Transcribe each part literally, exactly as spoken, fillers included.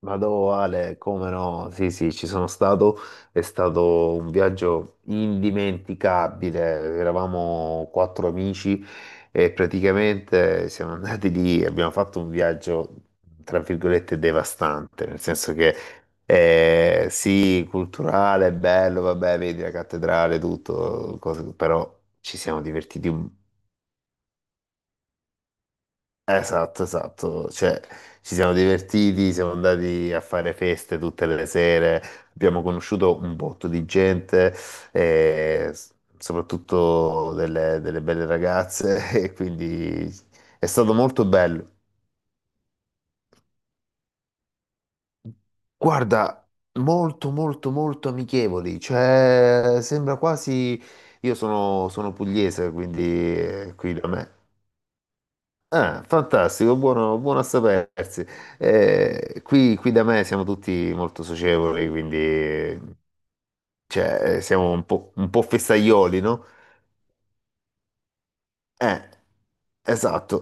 Vado Ale, come no? Sì, sì, ci sono stato, è stato un viaggio indimenticabile. Eravamo quattro amici e praticamente siamo andati lì e abbiamo fatto un viaggio, tra virgolette, devastante, nel senso che eh, sì, culturale, bello, vabbè, vedi la cattedrale, tutto, cose- però ci siamo divertiti. Esatto, esatto, cioè ci siamo divertiti, siamo andati a fare feste tutte le sere, abbiamo conosciuto un botto di gente, eh, s- soprattutto delle, delle belle ragazze, e quindi è stato molto bello. Guarda, molto, molto, molto amichevoli, cioè sembra quasi... Io sono, sono pugliese, quindi eh, qui da me. Ah, fantastico, buono, buono a sapersi. Eh, qui, qui da me siamo tutti molto socievoli, quindi eh, cioè, eh, siamo un po', un po' festaioli, no? Eh, esatto.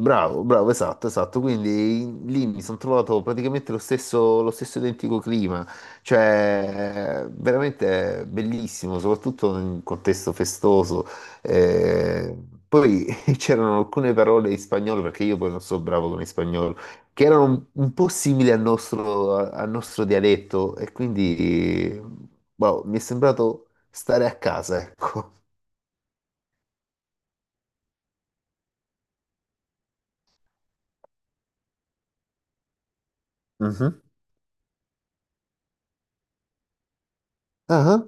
Bravo, bravo, esatto, esatto. Quindi in- lì mi sono trovato praticamente lo stesso, lo stesso identico clima, cioè eh, veramente bellissimo, soprattutto in un contesto festoso. Eh, poi c'erano alcune parole in spagnolo, perché io poi non so bravo con il spagnolo, che erano un, un po' simili al nostro, a- al nostro dialetto e quindi boh, mi è sembrato stare a casa, ecco. Mhm. Ah,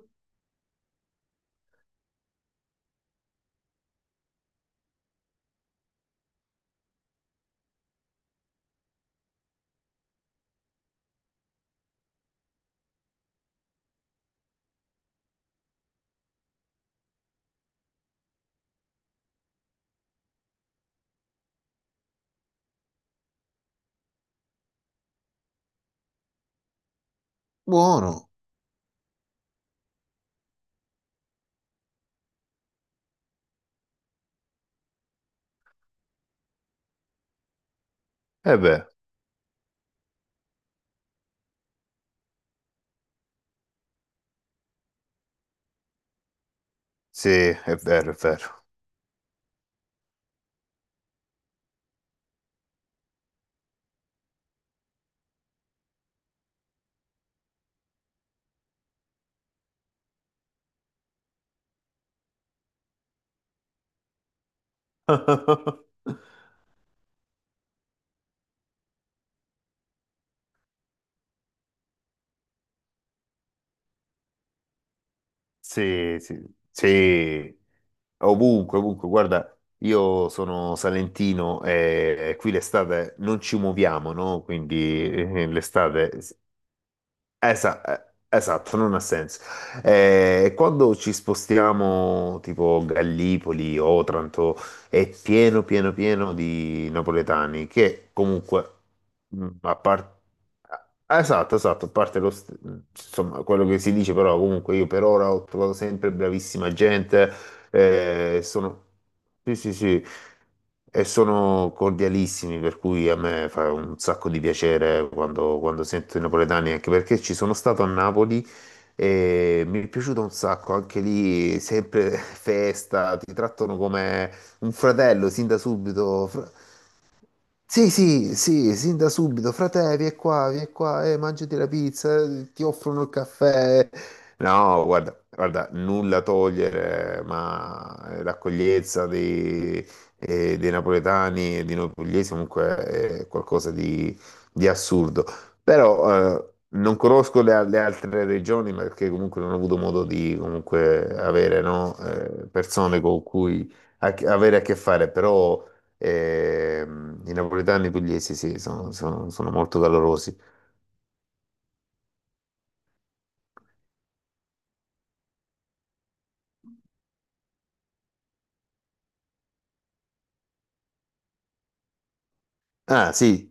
buono. Eh beh. Sì, è vero, è vero. Sì, sì, sì, ovunque, ovunque. Guarda, io sono salentino e qui l'estate non ci muoviamo, no? Quindi eh, l'estate... Esa- eh, Esatto, non ha senso. Eh, quando ci spostiamo tipo Gallipoli, Otranto, è pieno, pieno, pieno di napoletani che comunque, mh, a parte... Esatto, esatto, a parte lo, st- insomma, quello che si dice, però comunque io per ora ho trovato sempre bravissima gente, eh, sono... Sì, sì, sì. E sono cordialissimi, per cui a me fa un sacco di piacere quando, quando sento i napoletani, anche perché ci sono stato a Napoli e mi è piaciuto un sacco, anche lì sempre festa, ti trattano come un fratello sin da subito. Fra- sì, sì, sì, sin da subito, frate, vieni qua, vieni qua, eh, mangiati la pizza, eh, ti offrono il caffè. No, guarda, guarda, nulla a togliere, ma eh, l'accoglienza dei, eh, dei napoletani e di noi pugliesi comunque è qualcosa di, di assurdo. Però eh, non conosco le, le altre regioni perché comunque non ho avuto modo di comunque avere no, eh, persone con cui a- avere a che fare, però... E, mm, i napoletani pugliesi, sì, sono, sono- sono molto calorosi. Ah, sì.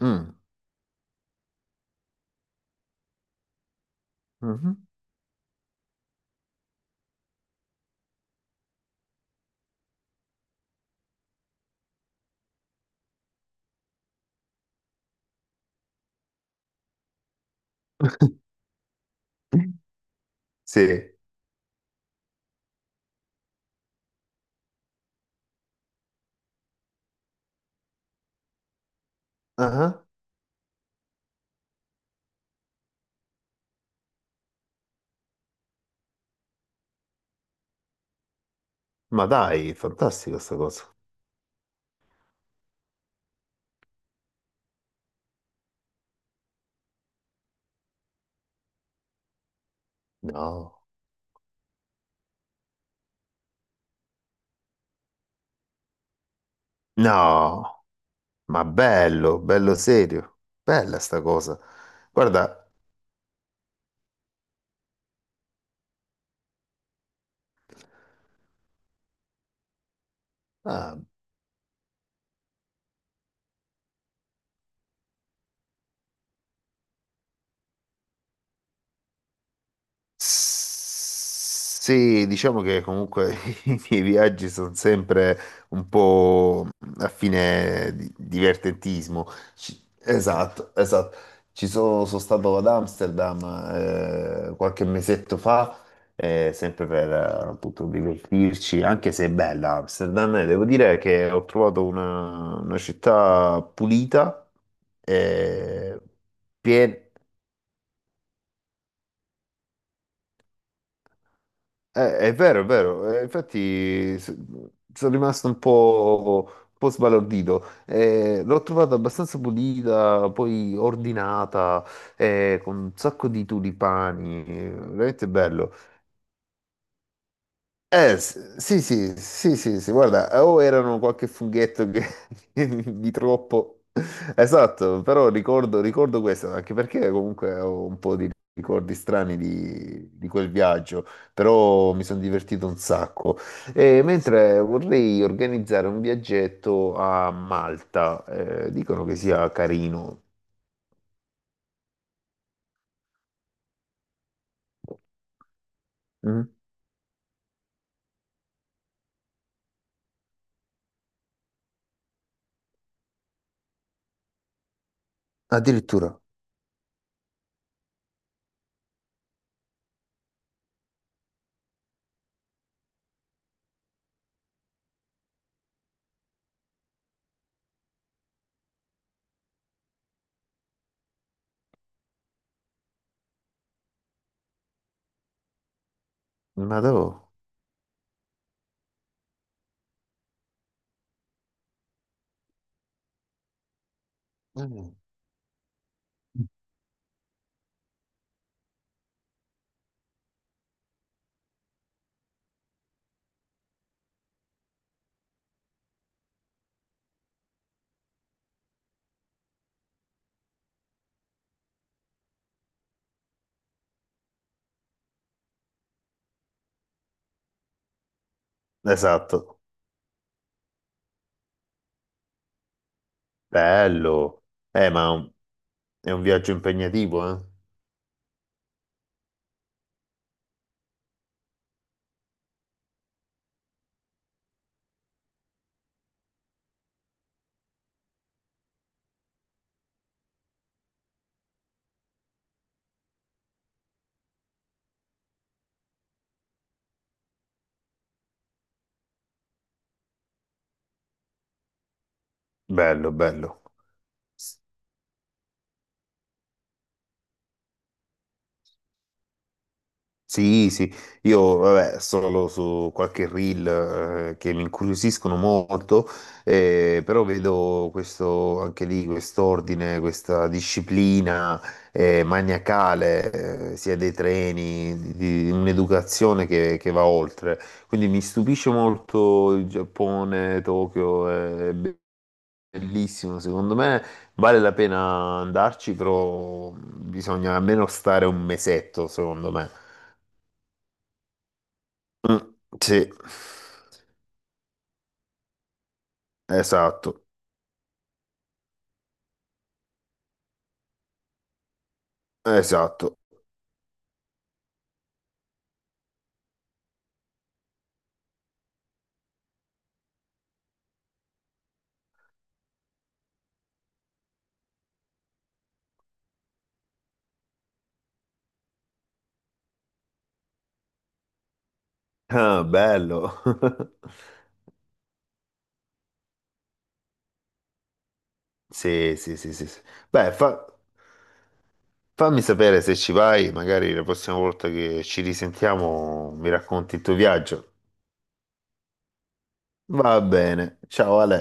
Mm. Mhm. Sì. Ah, ma dai, fantastico sta cosa. No. No, ma bello, bello serio. Bella sta cosa. Guarda, ah, sì, diciamo che comunque i miei viaggi sono sempre un po' a fine di- divertentismo. Ci- esatto, esatto. Ci sono, sono stato ad Amsterdam eh, qualche mesetto fa, eh, sempre per eh, appunto divertirci, anche se è bella Amsterdam, e devo dire che ho trovato una, una città pulita, e piena. Eh, è vero, è vero, eh, infatti s- sono rimasto un po', un po' sbalordito. Eh, l'ho trovata abbastanza pulita, poi ordinata, eh, con un sacco di tulipani, eh, veramente bello. Eh, s- sì, sì, sì, sì, sì, guarda, o erano qualche funghetto che- di troppo, esatto, però ricordo, ricordo questo, anche perché comunque ho un po' di ricordi strani di, di quel viaggio, però mi sono divertito un sacco. E mentre vorrei organizzare un viaggetto a Malta, eh, dicono che sia carino. Mm? Addirittura, ma dove? Mm. Esatto, bello. Eh, ma è un viaggio impegnativo, eh? Bello, bello. S- Sì, sì, io vabbè, solo su qualche reel eh, che mi incuriosiscono molto, eh, però vedo questo, anche lì quest'ordine, questa disciplina eh, maniacale, eh, sia dei treni, di, di un'educazione che, che va oltre. Quindi mi stupisce molto il Giappone, Tokyo, eh, bellissimo, secondo me vale la pena andarci, però bisogna almeno stare un mesetto, secondo me. Mm, sì, esatto, esatto. Ah, bello. Sì, sì, sì, sì, sì. Beh, fa- fammi sapere se ci vai, magari la prossima volta che ci risentiamo mi racconti il tuo viaggio. Va bene, ciao Ale.